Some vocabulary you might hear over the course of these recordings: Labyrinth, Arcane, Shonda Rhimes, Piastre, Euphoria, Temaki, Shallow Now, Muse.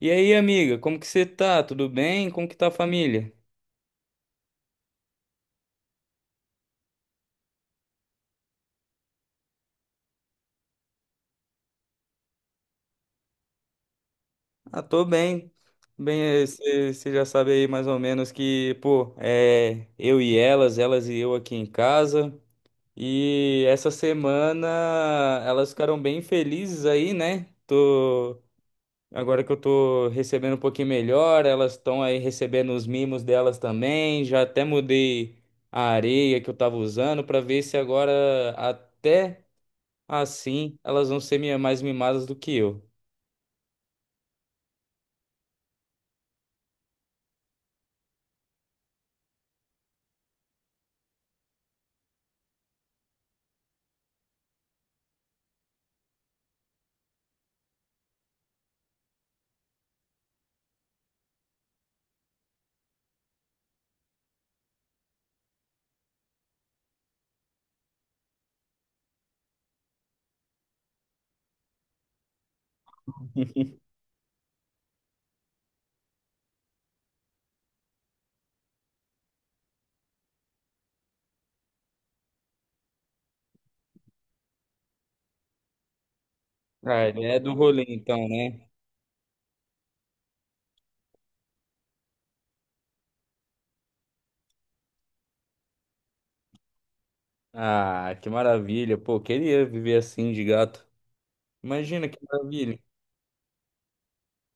E aí, amiga, como que você tá? Tudo bem? Como que tá a família? Ah, tô bem. Bem, você já sabe aí mais ou menos que, pô, é eu e elas e eu aqui em casa. E essa semana elas ficaram bem felizes aí, né? Agora que eu tô recebendo um pouquinho melhor, elas estão aí recebendo os mimos delas também. Já até mudei a areia que eu tava usando pra ver se agora até assim, elas vão ser mais mimadas do que eu. Ah, ele é do rolê então, né? Ah, que maravilha. Pô, queria viver assim de gato. Imagina que maravilha.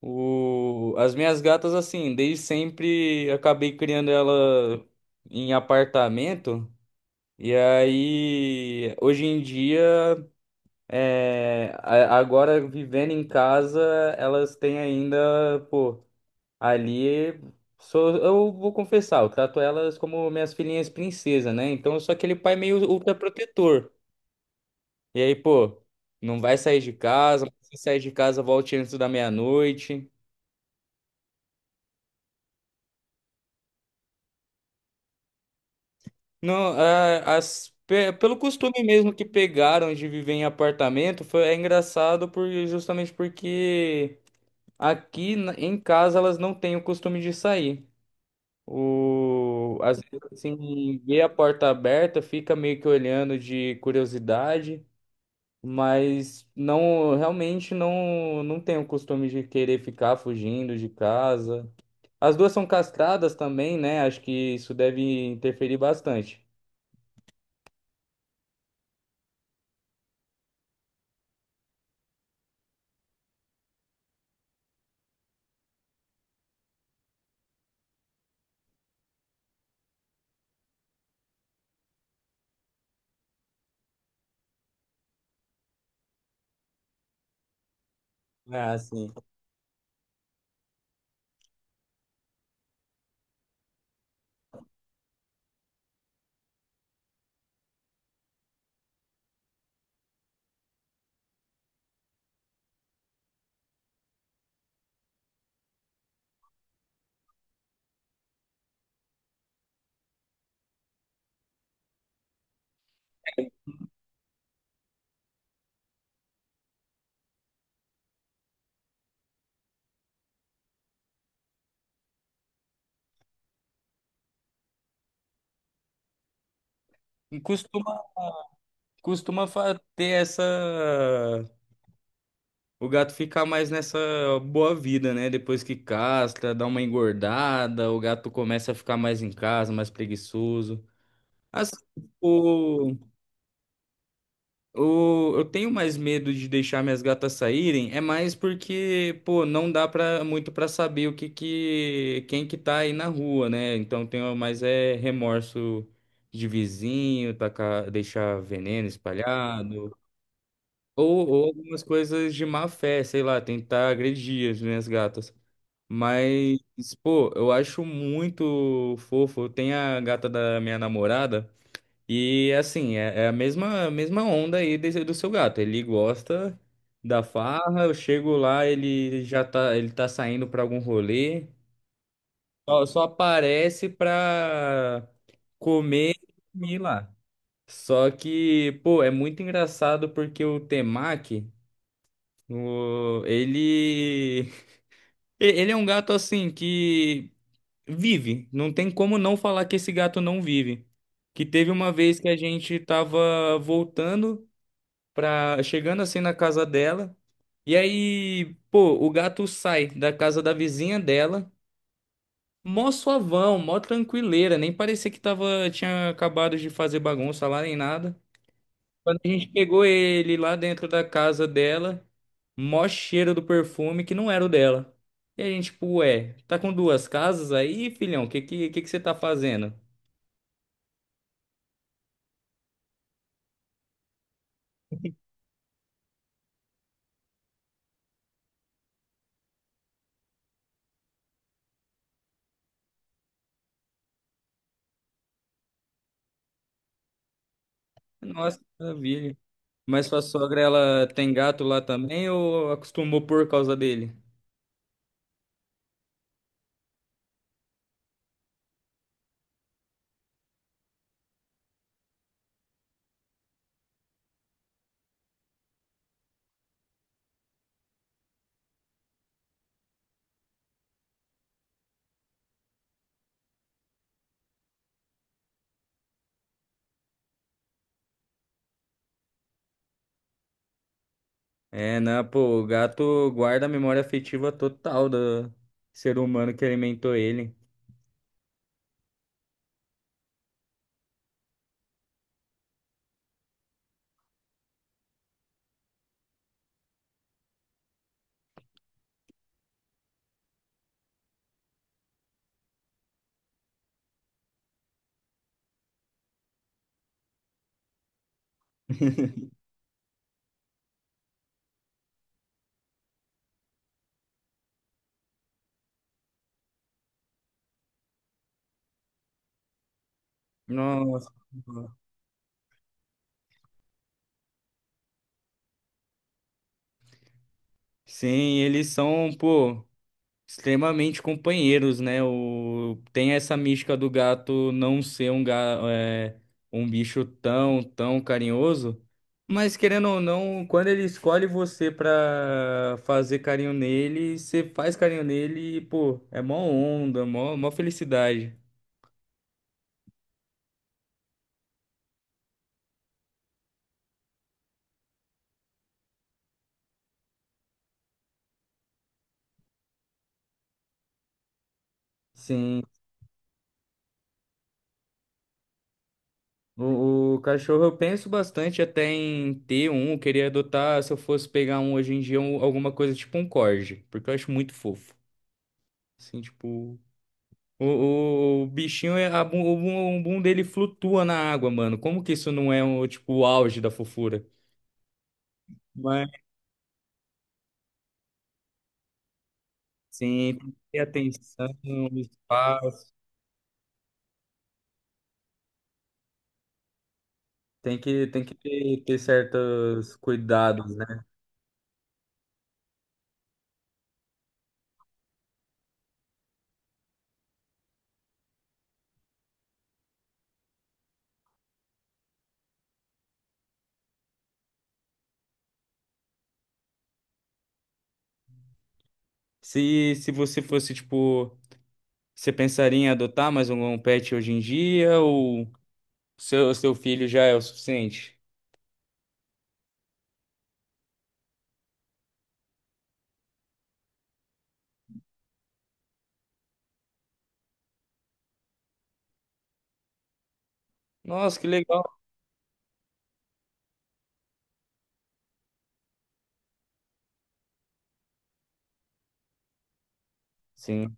As minhas gatas, assim, desde sempre acabei criando ela em apartamento. E aí, hoje em dia, agora vivendo em casa, elas têm ainda, pô. Ali, sou, eu vou confessar, eu trato elas como minhas filhinhas princesa, né? Então eu sou aquele pai meio ultraprotetor. E aí, pô, não vai sair de casa, mas se sair de casa, volte antes da meia-noite. Não, é, pelo costume mesmo que pegaram de viver em apartamento, foi, é engraçado por, justamente porque em casa elas não têm o costume de sair. O, às vezes, assim, ver a porta aberta, fica meio que olhando de curiosidade, mas não, realmente não tenho o costume de querer ficar fugindo de casa. As duas são castradas também, né? Acho que isso deve interferir bastante. Ah, sim. E costuma, costuma ter essa. O gato ficar mais nessa boa vida, né? Depois que castra, dá uma engordada, o gato começa a ficar mais em casa, mais preguiçoso. Assim, o, eu tenho mais medo de deixar minhas gatas saírem, é mais porque, pô, não dá pra, muito pra saber o que que, quem que tá aí na rua, né? Então tenho mais é remorso de vizinho, tacar, deixar veneno espalhado, ou algumas coisas de má fé, sei lá, tentar agredir as minhas gatas. Mas, pô, eu acho muito fofo. Tem a gata da minha namorada. E assim, é, é a mesma onda aí do seu gato. Ele gosta da farra, eu chego lá, ele tá saindo pra algum rolê. Só aparece pra comer e dormir lá. Só que, pô, é muito engraçado porque o Temaki, o, ele, ele é um gato assim que vive. Não tem como não falar que esse gato não vive. Que teve uma vez que a gente tava voltando pra, chegando assim na casa dela. E aí, pô, o gato sai da casa da vizinha dela, mó suavão, mó tranquileira, nem parecia que tava, tinha acabado de fazer bagunça lá nem nada. Quando a gente pegou ele lá dentro da casa dela, mó cheiro do perfume que não era o dela. E a gente, tipo, ué, tá com duas casas aí, filhão? Que você tá fazendo? Nossa, que maravilha. Mas sua sogra, ela tem gato lá também ou acostumou por causa dele? É, né? Pô, o gato guarda a memória afetiva total do ser humano que alimentou ele. Nossa. Sim, eles são, pô, extremamente companheiros, né? Tem essa mística do gato não ser um, é, um bicho tão, tão carinhoso, mas querendo ou não, quando ele escolhe você pra fazer carinho nele, você faz carinho nele e, pô, é mó onda, mó, mó felicidade. Sim. O cachorro eu penso bastante até em ter um, eu queria adotar se eu fosse pegar um hoje em dia, alguma coisa tipo um corgi, porque eu acho muito fofo. Assim, tipo, o bichinho, é, o bum dele flutua na água, mano. Como que isso não é um, tipo, o auge da fofura? Mas, sim, tem que ter atenção, um espaço, tem que ter, ter certos cuidados, né? Se você fosse, tipo, você pensaria em adotar mais um pet hoje em dia ou... Seu, seu filho já é o suficiente? Nossa, que legal. Sim.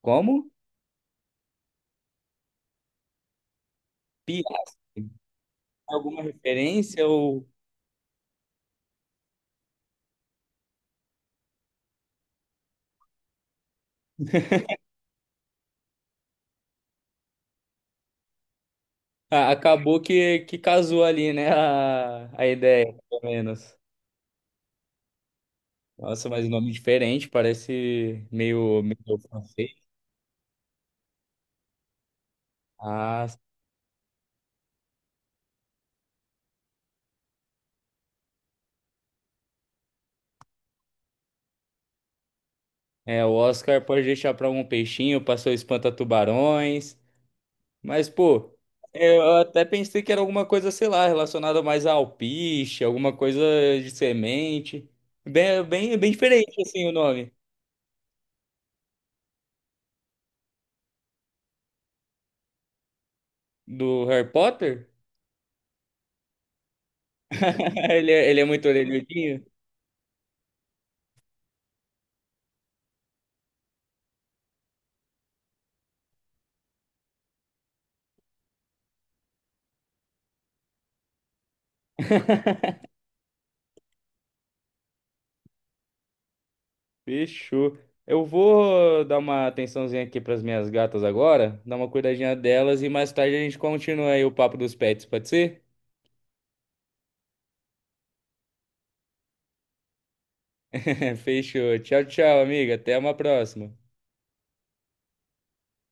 Como? Piastre. Alguma referência ou ah, acabou que casou ali, né? A ideia, pelo menos. Nossa, mas um nome diferente, parece meio, meio francês. Ah, é, o Oscar pode deixar para um peixinho, passou espanta-tubarões. Mas, pô, é, eu até pensei que era alguma coisa, sei lá, relacionada mais a alpiste, alguma coisa de semente. Bem, bem, bem diferente, assim, o nome do Harry Potter. Ele é muito orelhudinho. Fechou. Eu vou dar uma atençãozinha aqui para as minhas gatas agora, dar uma cuidadinha delas e mais tarde a gente continua aí o papo dos pets, pode ser? Fechou. Tchau, tchau, amiga. Até uma próxima.